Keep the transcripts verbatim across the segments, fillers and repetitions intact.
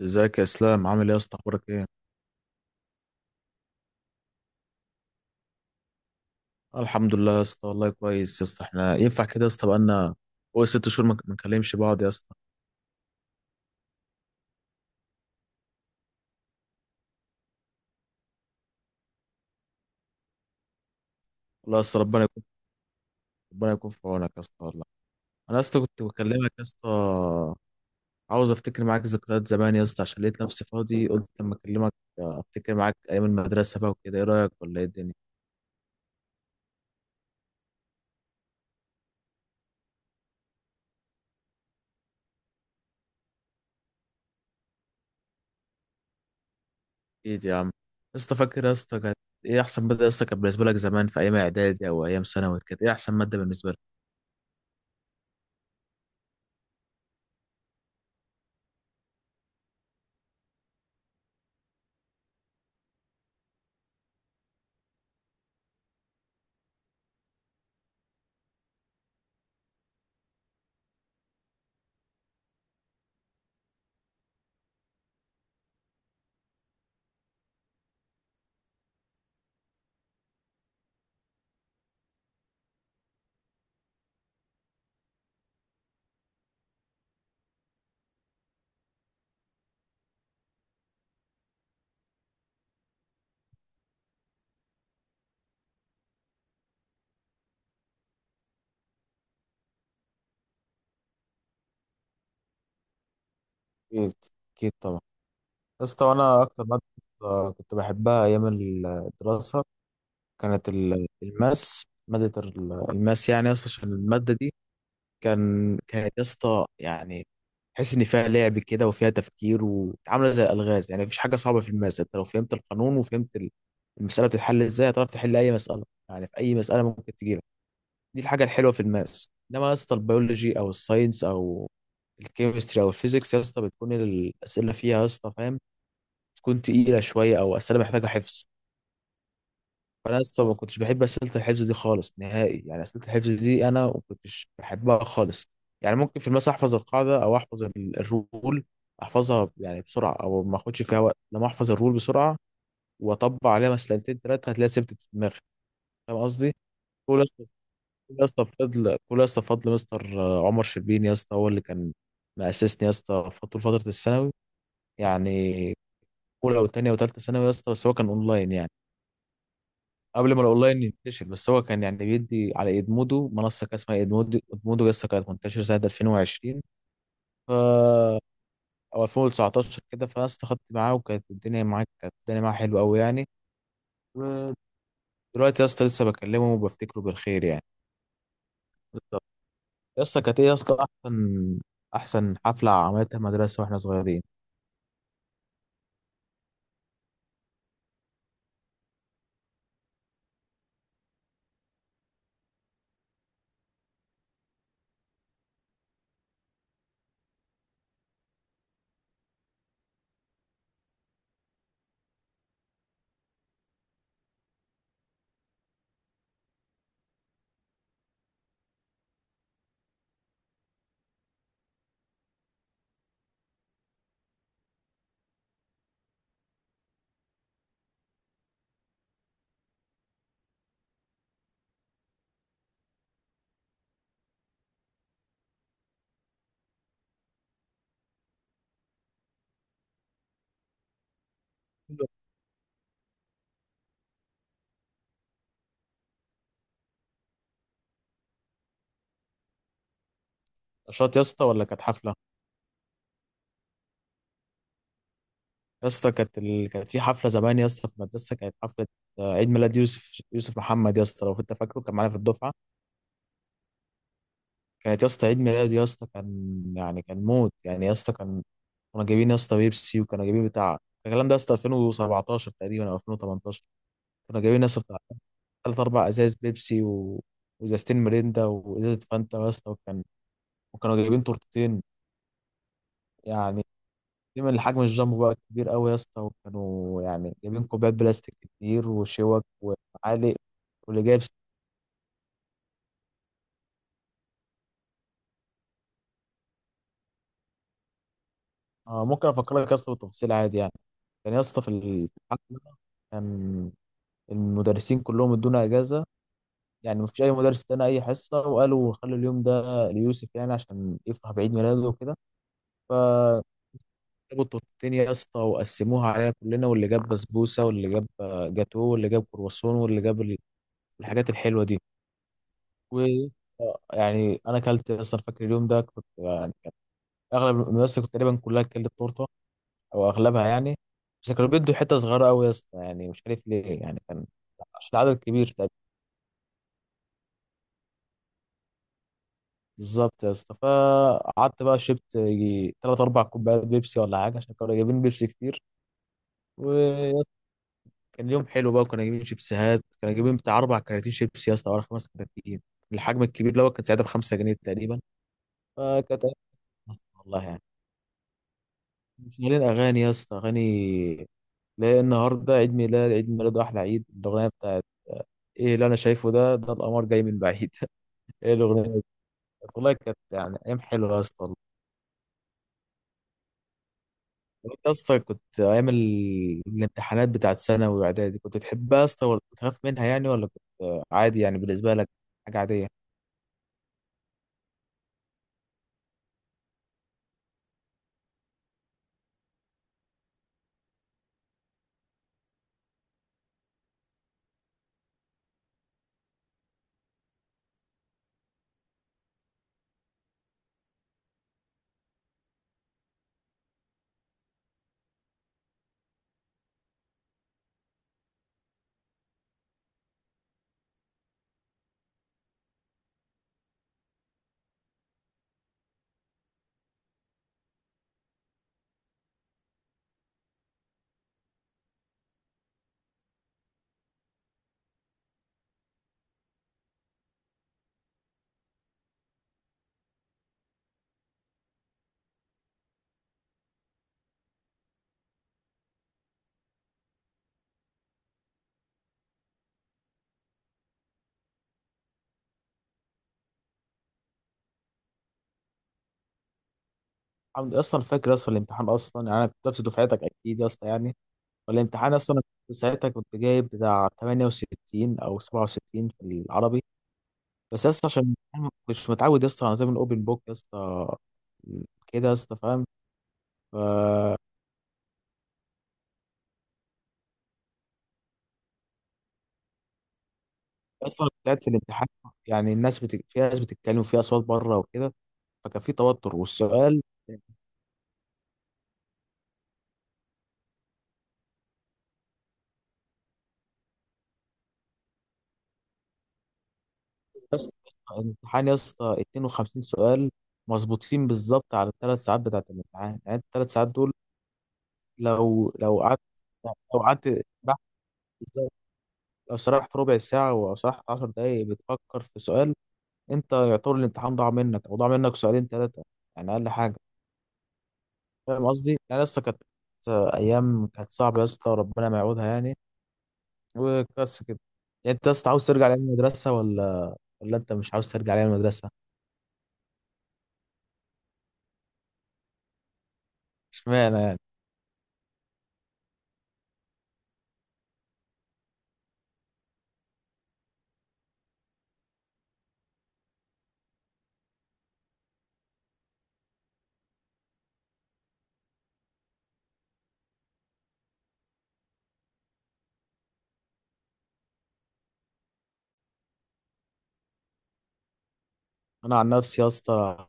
ازيك يا اسلام؟ عامل ايه يا اسطى؟ اخبارك ايه؟ آه، الحمد لله يا اسطى، والله كويس يا اسطى. احنا ينفع كده يا اسطى؟ بقالنا فوق ست شهور ما ما نكلمش بعض يا اسطى. والله يا اسطى، ربنا يكون ربنا يكون في عونك يا اسطى والله. انا يا اسطى كنت بكلمك يا اسطى، عاوز افتكر معاك ذكريات زمان يا اسطى، عشان لقيت نفسي فاضي قلت اما اكلمك. آه، افتكر معاك ايام المدرسه بقى وكده، ايه رايك ولا ايه الدنيا؟ اكيد يا عم يا اسطى، فاكر يا اسطى كانت ايه احسن ماده يا اسطى كانت بالنسبه لك زمان؟ في ايام اعدادي او ايام ثانوي، كانت ايه احسن ماده بالنسبه لك؟ اكيد اكيد طبعا. يا اسطى وانا اكتر ماده آه، كنت بحبها ايام الدراسه كانت ال- الماس، ماده ال- الماس يعني يا اسطى. عشان الماده دي كان كانت يا اسطى يعني تحس ان فيها لعب كده وفيها تفكير وعامله زي الالغاز، يعني مفيش حاجه صعبه في الماس. انت لو فهمت القانون وفهمت ال- المساله بتتحل ازاي، هتعرف تحل اي مساله يعني، في اي مساله ممكن تجيلك. دي الحاجه الحلوه في الماس، انما يا اسطى البيولوجي او الساينس او الكيمستري او الفيزيكس يا اسطى بتكون الاسئله فيها يا اسطى فاهم، تكون تقيله شويه، او اسئله محتاجه حفظ. فانا اصلا ما كنتش بحب اسئله الحفظ دي خالص نهائي، يعني اسئله الحفظ دي انا ما كنتش بحبها خالص. يعني ممكن في المسا احفظ القاعده او احفظ ال- الرول، احفظها يعني بسرعه او ما اخدش فيها وقت، لما احفظ الرول بسرعه واطبق عليها مسألتين ثلاثه هتلاقيها ثبتت في دماغي. فاهم قصدي؟ كل يا اسطى كل يا اسطى بفضل كل يا اسطى بفضل مستر عمر شربين يا اسطى، هو اللي كان مأسسني يا اسطى طول فتره الثانوي، يعني اولى وثانيه وثالثه ثانوي يا اسطى. بس هو كان اونلاين يعني قبل ما الاونلاين ينتشر، بس هو كان يعني بيدي على ادمودو، منصه كان اسمها ادمودو. ادمودو لسه كانت منتشره سنه ألفين وعشرين ف او ألفين وتسعتاشر كده، فانا استخدت معاه، وكانت الدنيا معاه كانت الدنيا معاه حلوه قوي يعني. ودلوقتي يا اسطى لسه بكلمه وبفتكره بالخير يعني. بالظبط. يا اسطى كانت ايه يا اسطى احسن احسن حفله عملتها مدرسه واحنا صغيرين؟ نشاط يا اسطى ولا كانت حفله؟ يا اسطى كانت ال... كانت في حفله زمان يا اسطى في المدرسه، كانت حفله آه، عيد ميلاد يوسف. يوسف محمد يا اسطى، لو انت فاكره، كان معانا في الدفعه. كانت يا اسطى عيد ميلاد يا اسطى، كان يعني كان موت يعني يا اسطى. كان كنا جايبين يا اسطى بيبسي، وكنا جايبين بتاع الكلام ده يا اسطى ألفين وسبعتاشر تقريبا او ألفين وتمنتاشر. كنا جايبين يا اسطى بتاع ثلاث اربع ازاز بيبسي و... وازازتين ميريندا وازازه فانتا يا اسطى. وكان وكانوا جايبين تورتتين، يعني دايما الحجم الجامبو بقى كبير قوي يا اسطى، وكانوا يعني جايبين كوبايات بلاستيك كتير وشوك وعالق. واللي جايب. آه، ممكن افكر لك يا اسطى بالتفاصيل عادي يعني. كان يا اسطى في الحفله، كان المدرسين كلهم ادونا اجازه، يعني مفيش اي مدرس ادانا اي حصه، وقالوا خلوا اليوم ده ليوسف يعني عشان يفرح بعيد ميلاده وكده. فجابوا التورتين يا اسطى وقسموها علينا كلنا، واللي جاب بسبوسه، واللي جاب آه، جاتوه، واللي جاب كرواسون، واللي جاب ال- الحاجات الحلوه دي. و آه، يعني انا اكلت اصلا، فاكر اليوم ده كنت يعني كان اغلب المدرسه كنت تقريبا كلها اكلت تورته او اغلبها يعني. بس كانوا بيدوا حته صغيره قوي يا اسطى، يعني مش عارف ليه، يعني كان عشان عدد كبير. بالظبط يا اسطى، فقعدت بقى شربت يجي تلات أربع كوبايات بيبسي ولا حاجة، عشان كانوا جايبين بيبسي كتير. ويا اسطى كان يوم حلو بقى، وكنا جايبين شيبسيهات، كنا جايبين بتاع أربع كراتين شيبسي يا اسطى ولا خمس كراتين، الحجم الكبير اللي هو كان ساعتها بخمسة جنيه تقريبا. فكانت أيام مصر والله يعني، شغالين أغاني يا اسطى. أغاني لا النهاردة عيد ميلاد عيد ميلاد وأحلى عيد. الأغنية بتاعت ايه اللي انا شايفه ده، ده القمر جاي من بعيد. ايه الاغنيه دي؟ والله كانت يعني ايام حلوه يا اسطى. وانت يا اسطى كنت ايام ال- الامتحانات بتاعت ثانوي واعدادي كنت بتحبها يا اسطى، ولا كنت بتخاف منها يعني، ولا كنت عادي يعني بالنسبه لك حاجه عاديه؟ عم- اصلا فاكر اصلا الامتحان اصلا، يعني انا كنت نفس دفعتك اكيد يا اسطى يعني. والامتحان اصلا انا كنت ساعتها كنت جايب بتاع تمانية وستين او سبعة وستين في العربي، بس يا اسطى عشان أنا مش متعود يا اسطى على نظام الاوبن بوك يا اسطى كده، يا اسطى فاهم. اصلا كنت قاعد في الامتحان، يعني الناس بت... في ناس بتتكلم وفي اصوات بره وكده، فكان في توتر. والسؤال يا اسطى، الامتحان يا اسطى اتنين وخمسين سؤال مظبوطين بالظبط على الثلاث ساعات بتاعت الامتحان، يعني الثلاث ساعات دول لو لو قعدت لو قعدت سرحت. بالظبط، لو سرحت ربع ساعة أو سرحت عشر دقايق بتفكر في سؤال، أنت يعتبر الامتحان ضاع منك، أو ضاع منك سؤالين ثلاثة يعني، أقل حاجة. فاهم قصدي؟ يعني لسه كانت أيام كانت صعبة يا اسطى، ربنا ما يعودها يعني. وبس كده. يعني أنت يا اسطى عاوز ترجع لأيام المدرسة ولا ولا أنت مش عاوز ترجع لأيام المدرسة؟ اشمعنى يعني؟ انا عن نفسي يا اسطى،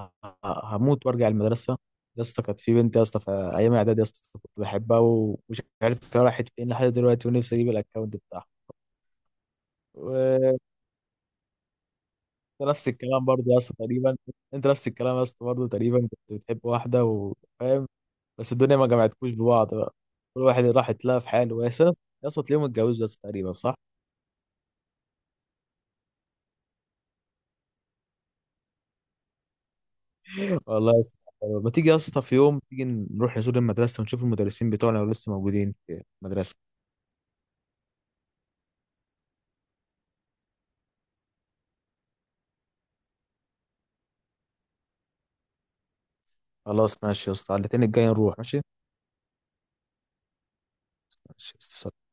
هموت وارجع المدرسه. يا اسطى كانت في بنت يا اسطى في ايام اعدادي يا اسطى كنت بحبها، ومش عارف هي راحت فين لحد دلوقتي، ونفسي اجيب الاكونت بتاعها. وانت نفس الكلام برضه يا اسطى تقريبا، انت نفس الكلام يا اسطى برضه تقريبا كنت بتحب واحده وفاهم، بس الدنيا ما جمعتكوش ببعض بقى. كل واحد راح يتلاقى في حاله يا اسطى. يا اسطى تلاقيهم اتجوزوا يا اسطى تقريبا، صح. والله يا اسطى، ما تيجي يا اسطى في يوم تيجي نروح نزور المدرسه ونشوف المدرسين بتوعنا لو لسه موجودين في المدرسه؟ خلاص ماشي يا اسطى، على الاثنين الجاي نروح، ماشي ماشي يا اسطى، سلام.